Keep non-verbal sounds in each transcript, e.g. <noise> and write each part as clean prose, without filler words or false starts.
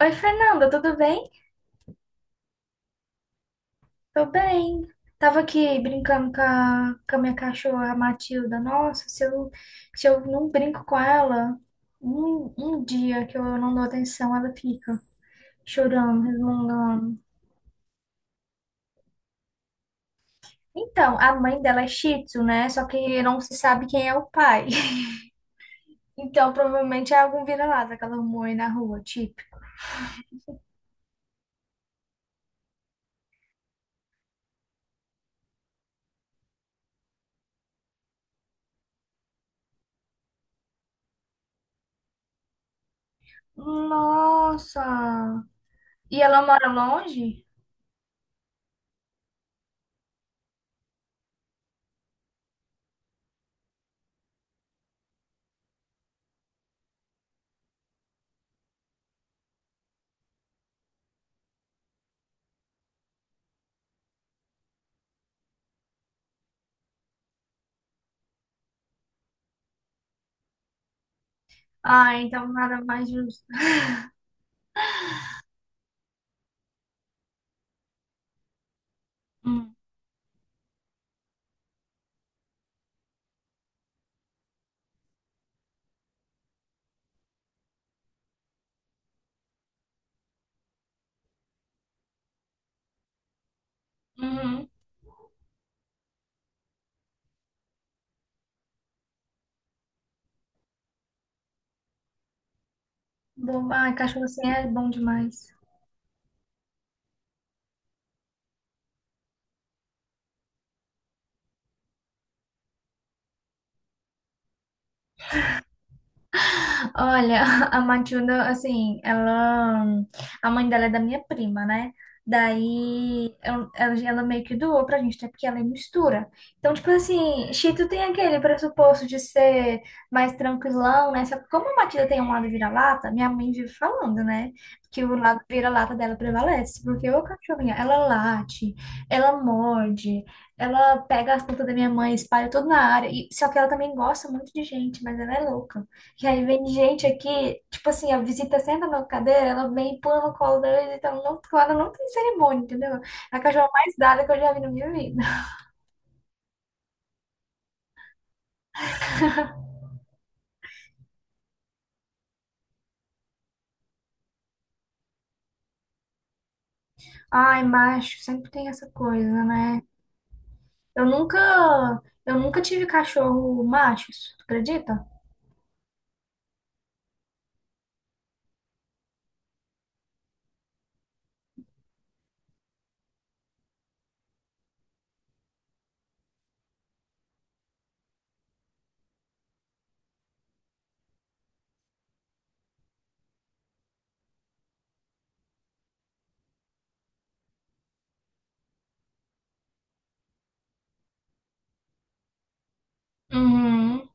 Oi, Fernanda, tudo bem? Tô bem. Tava aqui brincando com a minha cachorra a Matilda. Nossa, se eu não brinco com ela, um dia que eu não dou atenção, ela fica chorando, resmungando. Então, a mãe dela é Shih Tzu, né? Só que não se sabe quem é o pai. <laughs> Então, provavelmente é algum vira-lata que ela arrumou aí na rua, tipo. Nossa! E ela mora longe? Ah, então nada mais justo. <laughs> Hum. Uhum. Bom, ai, cachorro assim é bom demais. Olha, <laughs> a Matilda, assim, ela. A mãe dela é da minha prima, né? Daí ela, ela meio que doou pra gente, até porque ela é mistura. Então, tipo assim, Cheeto tem aquele pressuposto de ser mais tranquilão, né? Só que como a Matilda tem um lado vira-lata, minha mãe vive falando, né? Que o lado vira-lata dela prevalece. Porque ô cachorrinha, ela late, ela morde, ela pega as plantas da minha mãe, espalha tudo na área. E, só que ela também gosta muito de gente, mas ela é louca. E aí vem gente aqui, tipo assim, a visita senta na cadeira, ela vem e pula no colo da visita então não, ela não tem cerimônia, entendeu? É a cachorra mais dada que eu já vi na minha vida. Ai, macho, sempre tem essa coisa, né? Eu nunca, eu nunca tive cachorro machos, tu acredita? Uhum.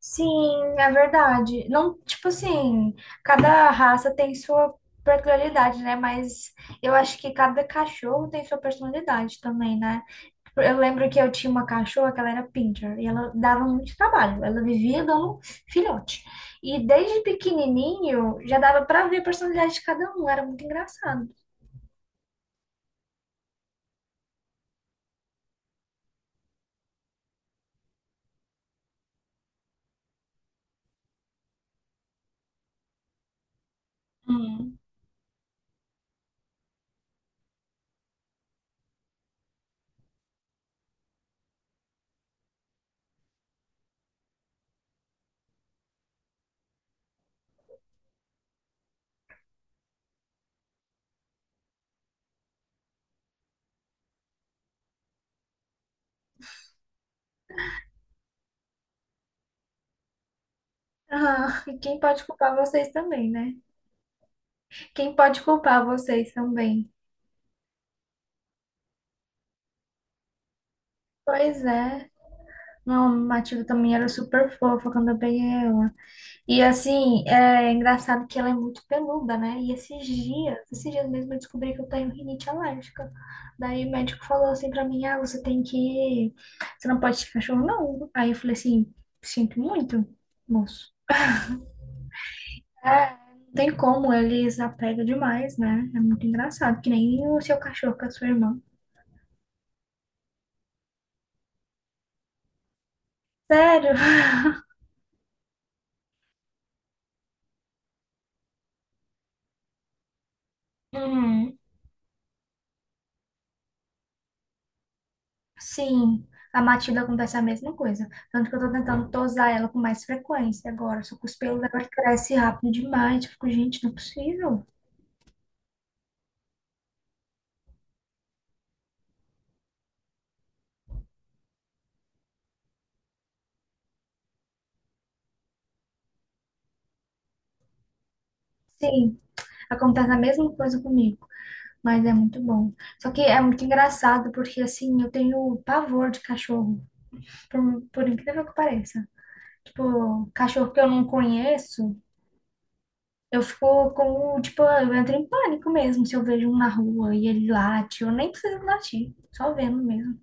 Sim, é verdade. Não, tipo assim, cada raça tem sua peculiaridade, né? Mas eu acho que cada cachorro tem sua personalidade também, né? Eu lembro que eu tinha uma cachorra que ela era pincher e ela dava muito trabalho. Ela vivia dando filhote. E desde pequenininho já dava pra ver a personalidade de cada um. Era muito engraçado. Hum. Ah, e quem pode culpar vocês também, né? Quem pode culpar vocês também? Pois é. Não, a Matilda também era super fofa quando eu peguei ela. E assim, é engraçado que ela é muito peluda, né? E esses dias mesmo eu descobri que eu tenho rinite alérgica. Daí o médico falou assim pra mim, ah, você tem que... Você não pode ter cachorro, não. Aí eu falei assim, sinto muito, moço. É, não tem como, eles apegam demais, né? É muito engraçado, que nem o seu cachorro com a sua irmã. Sério? <laughs> Uhum. Sim, a Matilda acontece a mesma coisa. Tanto que eu tô tentando tosar ela com mais frequência agora. Só que os pelos dela crescem rápido demais. Eu fico, gente, não é possível. Sim, acontece a mesma coisa comigo. Mas é muito bom. Só que é muito engraçado, porque assim, eu tenho pavor de cachorro, por, por incrível que pareça. Tipo, cachorro que eu não conheço, eu fico com, tipo, eu entro em pânico mesmo se eu vejo um na rua e ele late. Eu nem preciso latir, só vendo mesmo.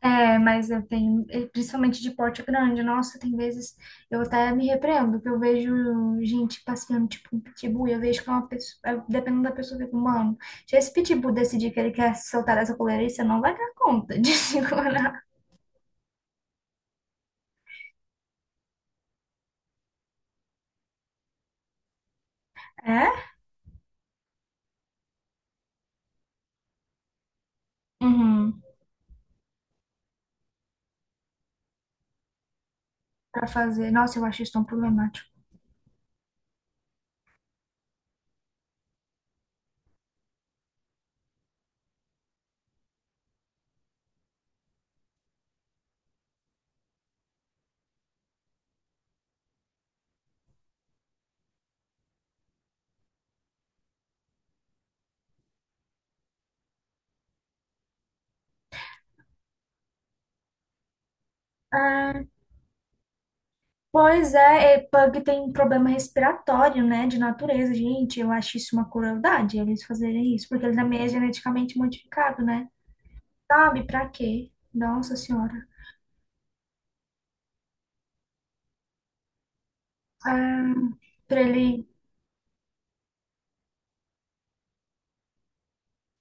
É, mas eu tenho, principalmente de porte grande, nossa, tem vezes eu até me repreendo, que eu vejo gente passeando tipo um pitbull, e eu vejo que é uma pessoa, dependendo da pessoa, eu fico, mano, se esse pitbull decidir que ele quer se soltar dessa coleira, aí, você não vai dar conta de <laughs> segurar. É? Uhum. Pra fazer. Nossa, eu acho isso tão problemático. Ah, pois é, é, pug tem problema respiratório, né, de natureza, gente, eu acho isso uma crueldade, eles fazerem isso, porque ele também é geneticamente modificado, né? Sabe, pra quê? Nossa senhora. Ah, pra ele.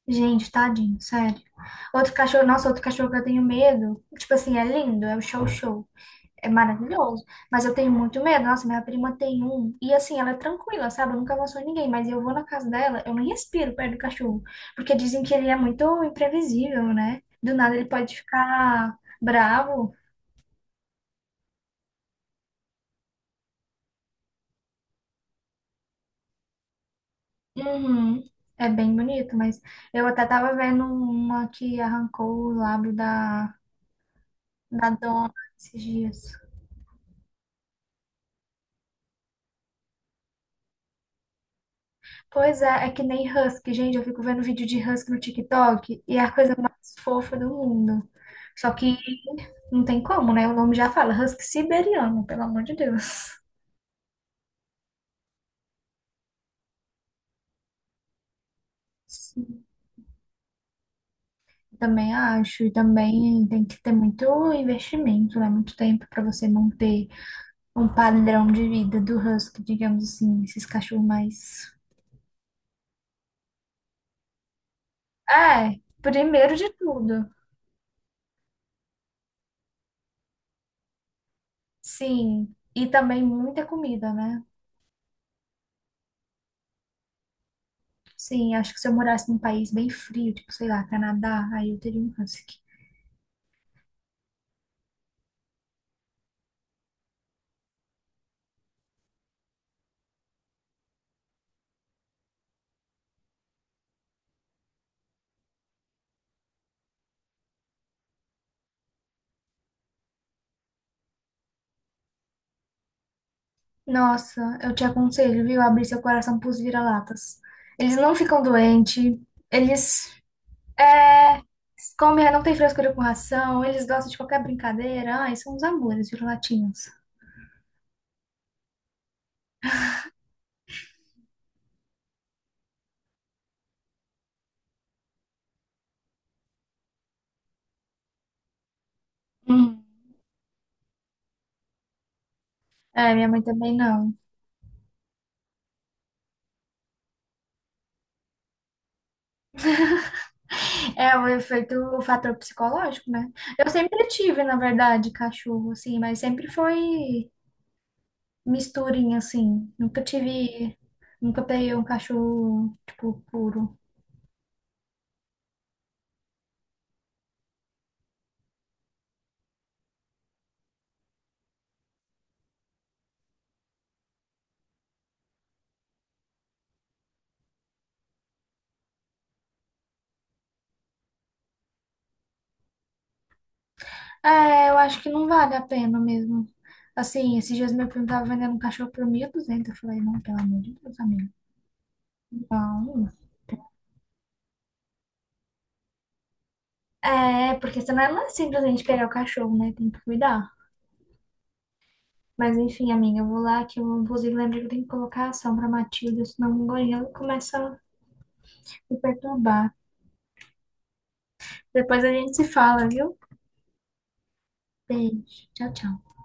Gente, tadinho, sério. Outro cachorro, nossa, outro cachorro que eu tenho medo. Tipo assim, é lindo, é o show show. É maravilhoso. Mas eu tenho muito medo. Nossa, minha prima tem um. E assim, ela é tranquila, sabe? Eu nunca avançou em ninguém. Mas eu vou na casa dela, eu não respiro perto do cachorro. Porque dizem que ele é muito imprevisível, né? Do nada ele pode ficar bravo. Uhum. É bem bonito, mas eu até tava vendo uma que arrancou o lábio da na dona esses dias. Pois é, é que nem husky, gente. Eu fico vendo vídeo de husky no TikTok e é a coisa mais fofa do mundo. Só que não tem como, né? O nome já fala husky siberiano, pelo amor de Deus. Sim, também acho, e também tem que ter muito investimento, né? Muito tempo para você manter um padrão de vida do husky, digamos assim, esses cachorros mais. É, primeiro de tudo. Sim, e também muita comida, né? Sim, acho que se eu morasse num país bem frio, tipo, sei lá, Canadá, aí eu teria um husky. Nossa, eu te aconselho, viu, abrir seu coração pros vira-latas. Eles não ficam doentes, eles é, comem, não tem frescura com ração, eles gostam de qualquer brincadeira. Ai, são uns amores, vira-latinhos. Hum. É, minha mãe também não. É o efeito, o fator psicológico, né? Eu sempre tive, na verdade, cachorro, assim, mas sempre foi. Misturinha, assim. Nunca tive. Nunca peguei um cachorro, tipo, puro. É, eu acho que não vale a pena mesmo. Assim, esses dias meu primo tava vendendo um cachorro por 1.200. Eu falei, não, pelo amor de Deus, amigo. Não. É, porque senão não é simplesmente pegar o cachorro, né? Tem que cuidar. Mas enfim, amiga, eu vou lá que eu, inclusive, lembro que eu tenho que colocar ação pra Matilda, senão o gorila começa a me perturbar. Depois a gente se fala, viu? Beijo. Tchau, tchau.